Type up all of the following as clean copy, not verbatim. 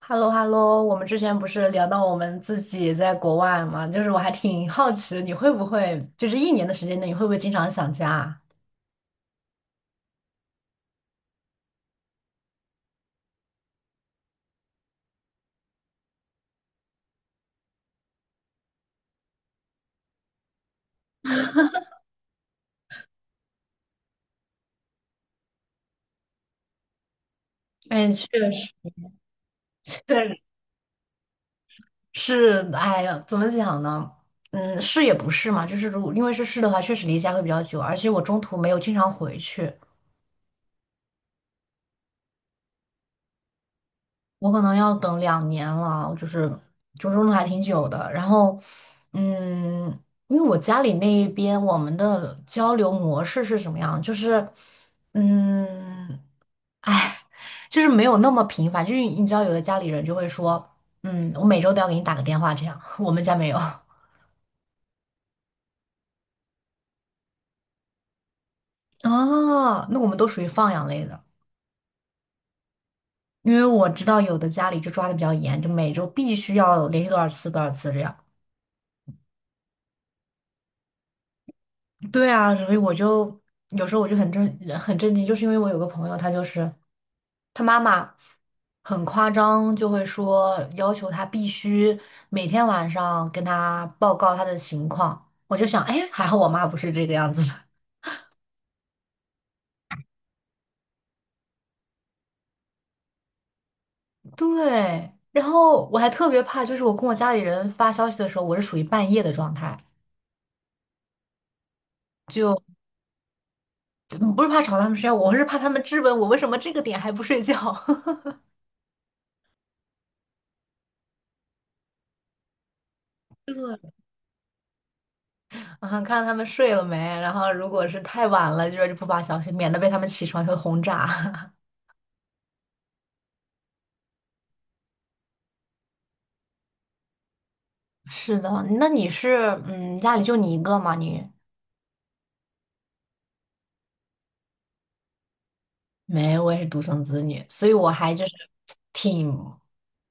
h e l l o h e l l o 我们之前不是聊到我们自己在国外嘛，就是我还挺好奇的，你会不会就是一年的时间内，你会不会经常想家啊？哎，确实。确实，哎呀，怎么讲呢？嗯，是也不是嘛，就是如果因为是的话，确实离家会比较久，而且我中途没有经常回去。我可能要等两年了，就是折中的还挺久的。然后，嗯，因为我家里那一边我们的交流模式是什么样？就是，嗯，哎，就是没有那么频繁。就是你知道，有的家里人就会说，嗯，我每周都要给你打个电话这样。我们家没有啊，那我们都属于放养类的，因为我知道有的家里就抓的比较严，就每周必须要联系多少次多少次这样。对啊，所以我就有时候我就很震惊，就是因为我有个朋友，他就是他妈妈很夸张，就会说要求他必须每天晚上跟他报告他的情况。我就想，哎，还好我妈不是这个样子。对，然后我还特别怕，就是我跟我家里人发消息的时候，我是属于半夜的状态，嗯，不是怕吵他们睡觉，我是怕他们质问我为什么这个点还不睡觉。啊，看他们睡了没，然后如果是太晚了，就是不发消息，免得被他们起床会轰炸。是的，那你是嗯，家里就你一个吗？你没，我也是独生子女，所以我还就是挺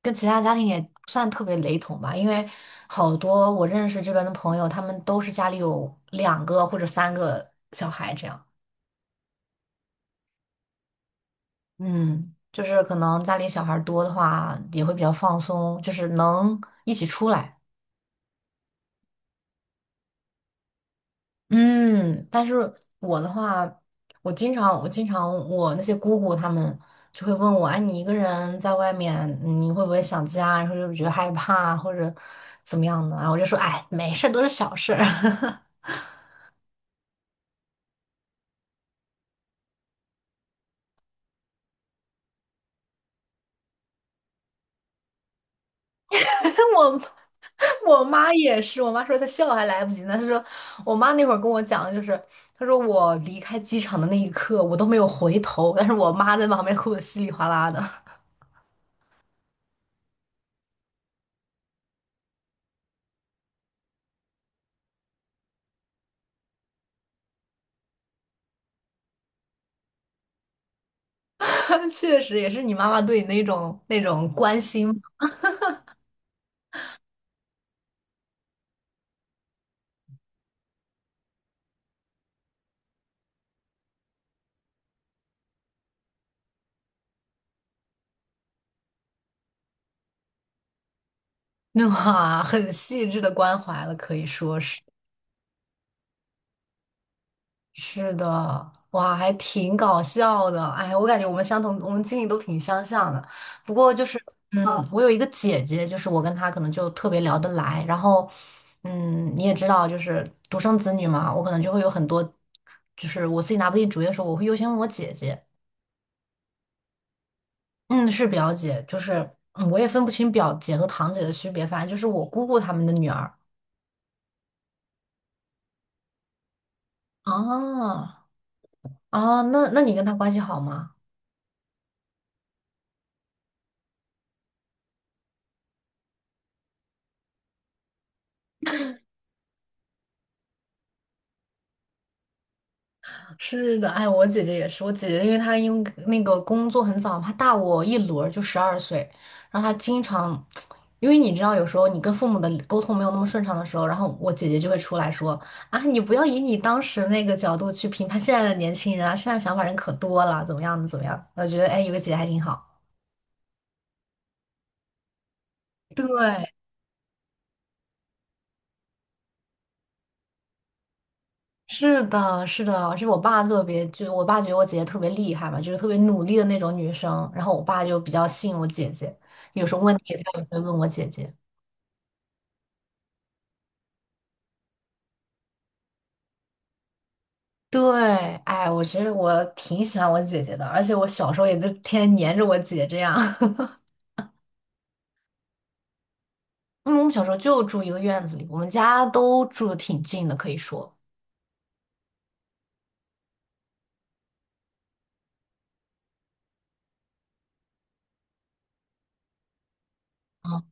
跟其他家庭也不算特别雷同吧，因为好多我认识这边的朋友，他们都是家里有两个或者三个小孩这样。嗯，就是可能家里小孩儿多的话，也会比较放松，就是能一起出来。嗯，但是我的话，我经常，我那些姑姑她们就会问我，哎，你一个人在外面，你会不会想家？然或者觉得害怕，或者怎么样的？然后我就说，哎，没事儿，都是小事儿。我我妈也是，我妈说她笑还来不及呢。她说，我妈那会儿跟我讲的就是，她说我离开机场的那一刻，我都没有回头，但是我妈在旁边哭的稀里哗啦的。确实，也是你妈妈对你那种关心。哇，很细致的关怀了，可以说是是的，哇，还挺搞笑的。哎，我感觉我们相同，我们经历都挺相像的。不过就是，嗯，我有一个姐姐，就是我跟她可能就特别聊得来。然后，嗯，你也知道，就是独生子女嘛，我可能就会有很多，就是我自己拿不定主意的时候，我会优先问我姐姐。嗯，是表姐，就是嗯，我也分不清表姐和堂姐的区别，反正就是我姑姑她们的女儿。啊，啊，那你跟她关系好吗？是的，哎，我姐姐也是，我姐姐因为那个工作很早，她大我一轮儿就12岁，然后她经常，因为你知道，有时候你跟父母的沟通没有那么顺畅的时候，然后我姐姐就会出来说啊，你不要以你当时那个角度去评判现在的年轻人啊，现在想法人可多了，怎么样怎么样？我觉得哎，有个姐姐还挺好。对，是的，是的，而且我爸特别，就我爸觉得我姐姐特别厉害嘛，就是特别努力的那种女生，然后我爸就比较信我姐姐，有什么问题他也会问我姐姐。对，哎，我其实我挺喜欢我姐姐的，而且我小时候也就天天黏着我姐这样。因为我们小时候就住一个院子里，我们家都住的挺近的，可以说，嗯，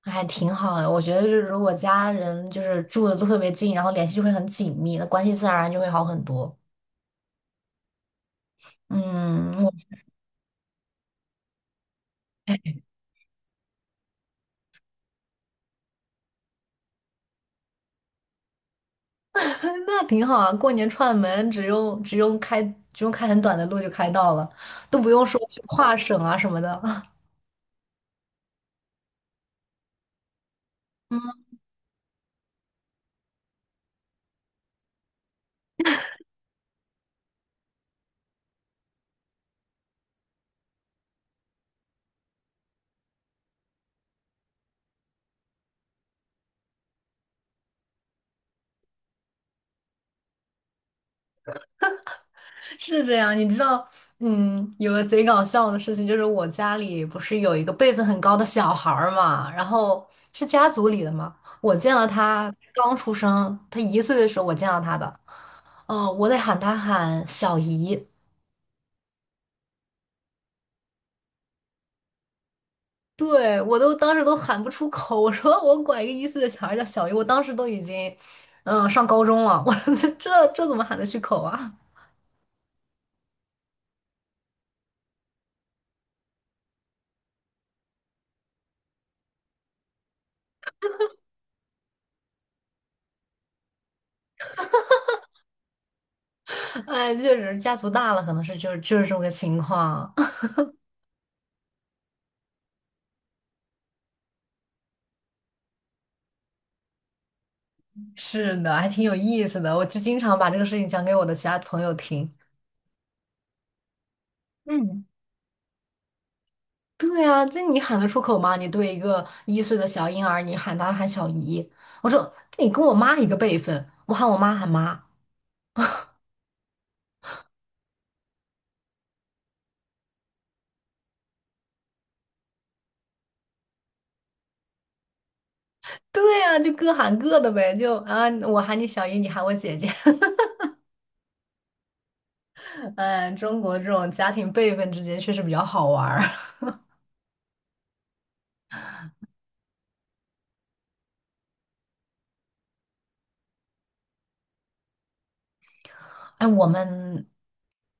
还挺好的。我觉得就是如果家人就是住的都特别近，然后联系就会很紧密，那关系自然而然就会好很多。嗯，我。 那挺好啊，过年串门只用开很短的路就开到了，都不用说去跨省啊什么的。是这样，你知道，嗯，有个贼搞笑的事情，就是我家里不是有一个辈分很高的小孩儿嘛，然后是家族里的嘛，我见了他刚出生，他一岁的时候我见到他的，我得喊他喊小姨，对，我都当时都喊不出口，我说我管一个一岁的小孩叫小姨，我当时都已经，上高中了，我说这怎么喊得出口啊？哎，确实家族大了，可能是就是这么个情况。是的，还挺有意思的。我就经常把这个事情讲给我的其他朋友听。嗯，对啊，这你喊得出口吗？你对一个一岁的小婴儿，你喊他喊小姨，我说你跟我妈一个辈分，我喊我妈喊妈。对啊，就各喊各的呗，就啊，我喊你小姨，你喊我姐姐。嗯，中国这种家庭辈分之间确实比较好玩儿。哎，我们，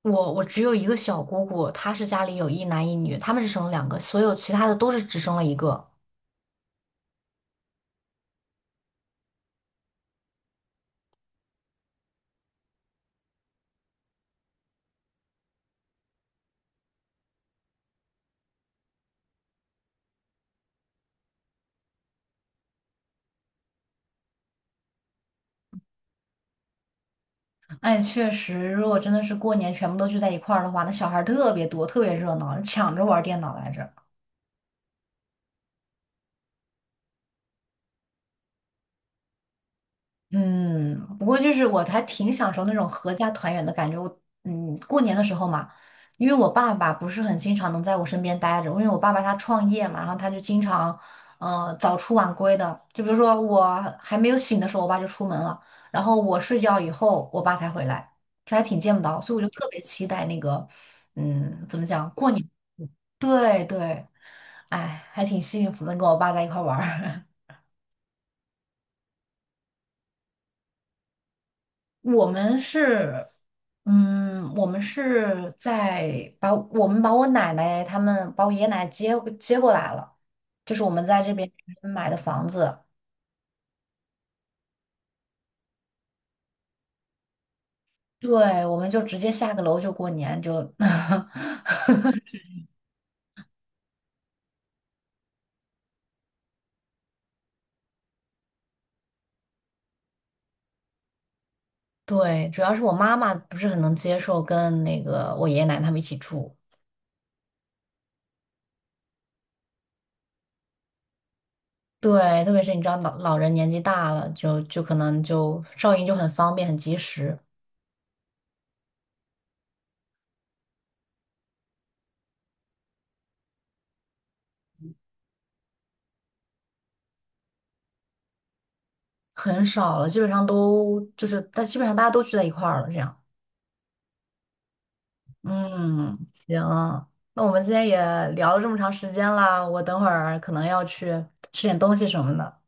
我只有一个小姑姑，她是家里有一男一女，他们是生了两个，所有其他的都是只生了一个。哎，确实，如果真的是过年全部都聚在一块儿的话，那小孩儿特别多，特别热闹，抢着玩儿电脑来着。嗯，不过就是我还挺享受那种合家团圆的感觉。我嗯，过年的时候嘛，因为我爸爸不是很经常能在我身边待着，因为我爸爸他创业嘛，然后他就经常早出晚归的。就比如说我还没有醒的时候，我爸就出门了，然后我睡觉以后，我爸才回来，就还挺见不到，所以我就特别期待那个嗯，怎么讲过年。对对，哎，还挺幸福的，跟我爸在一块儿玩儿。我们是，嗯，我们是在把我们把我奶奶他们把我爷爷奶奶接接过来了，就是我们在这边买的房子。对，我们就直接下个楼就过年就。对，主要是我妈妈不是很能接受跟那个我爷爷奶奶他们一起住。对，特别是你知道老人年纪大了，就可能就照应就很方便很及时。很少了，基本上都就是大，基本上大家都聚在一块儿了，这样。嗯，行，那我们今天也聊了这么长时间啦，我等会儿可能要去吃点东西什么的。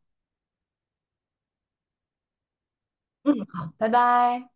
嗯，好，拜拜。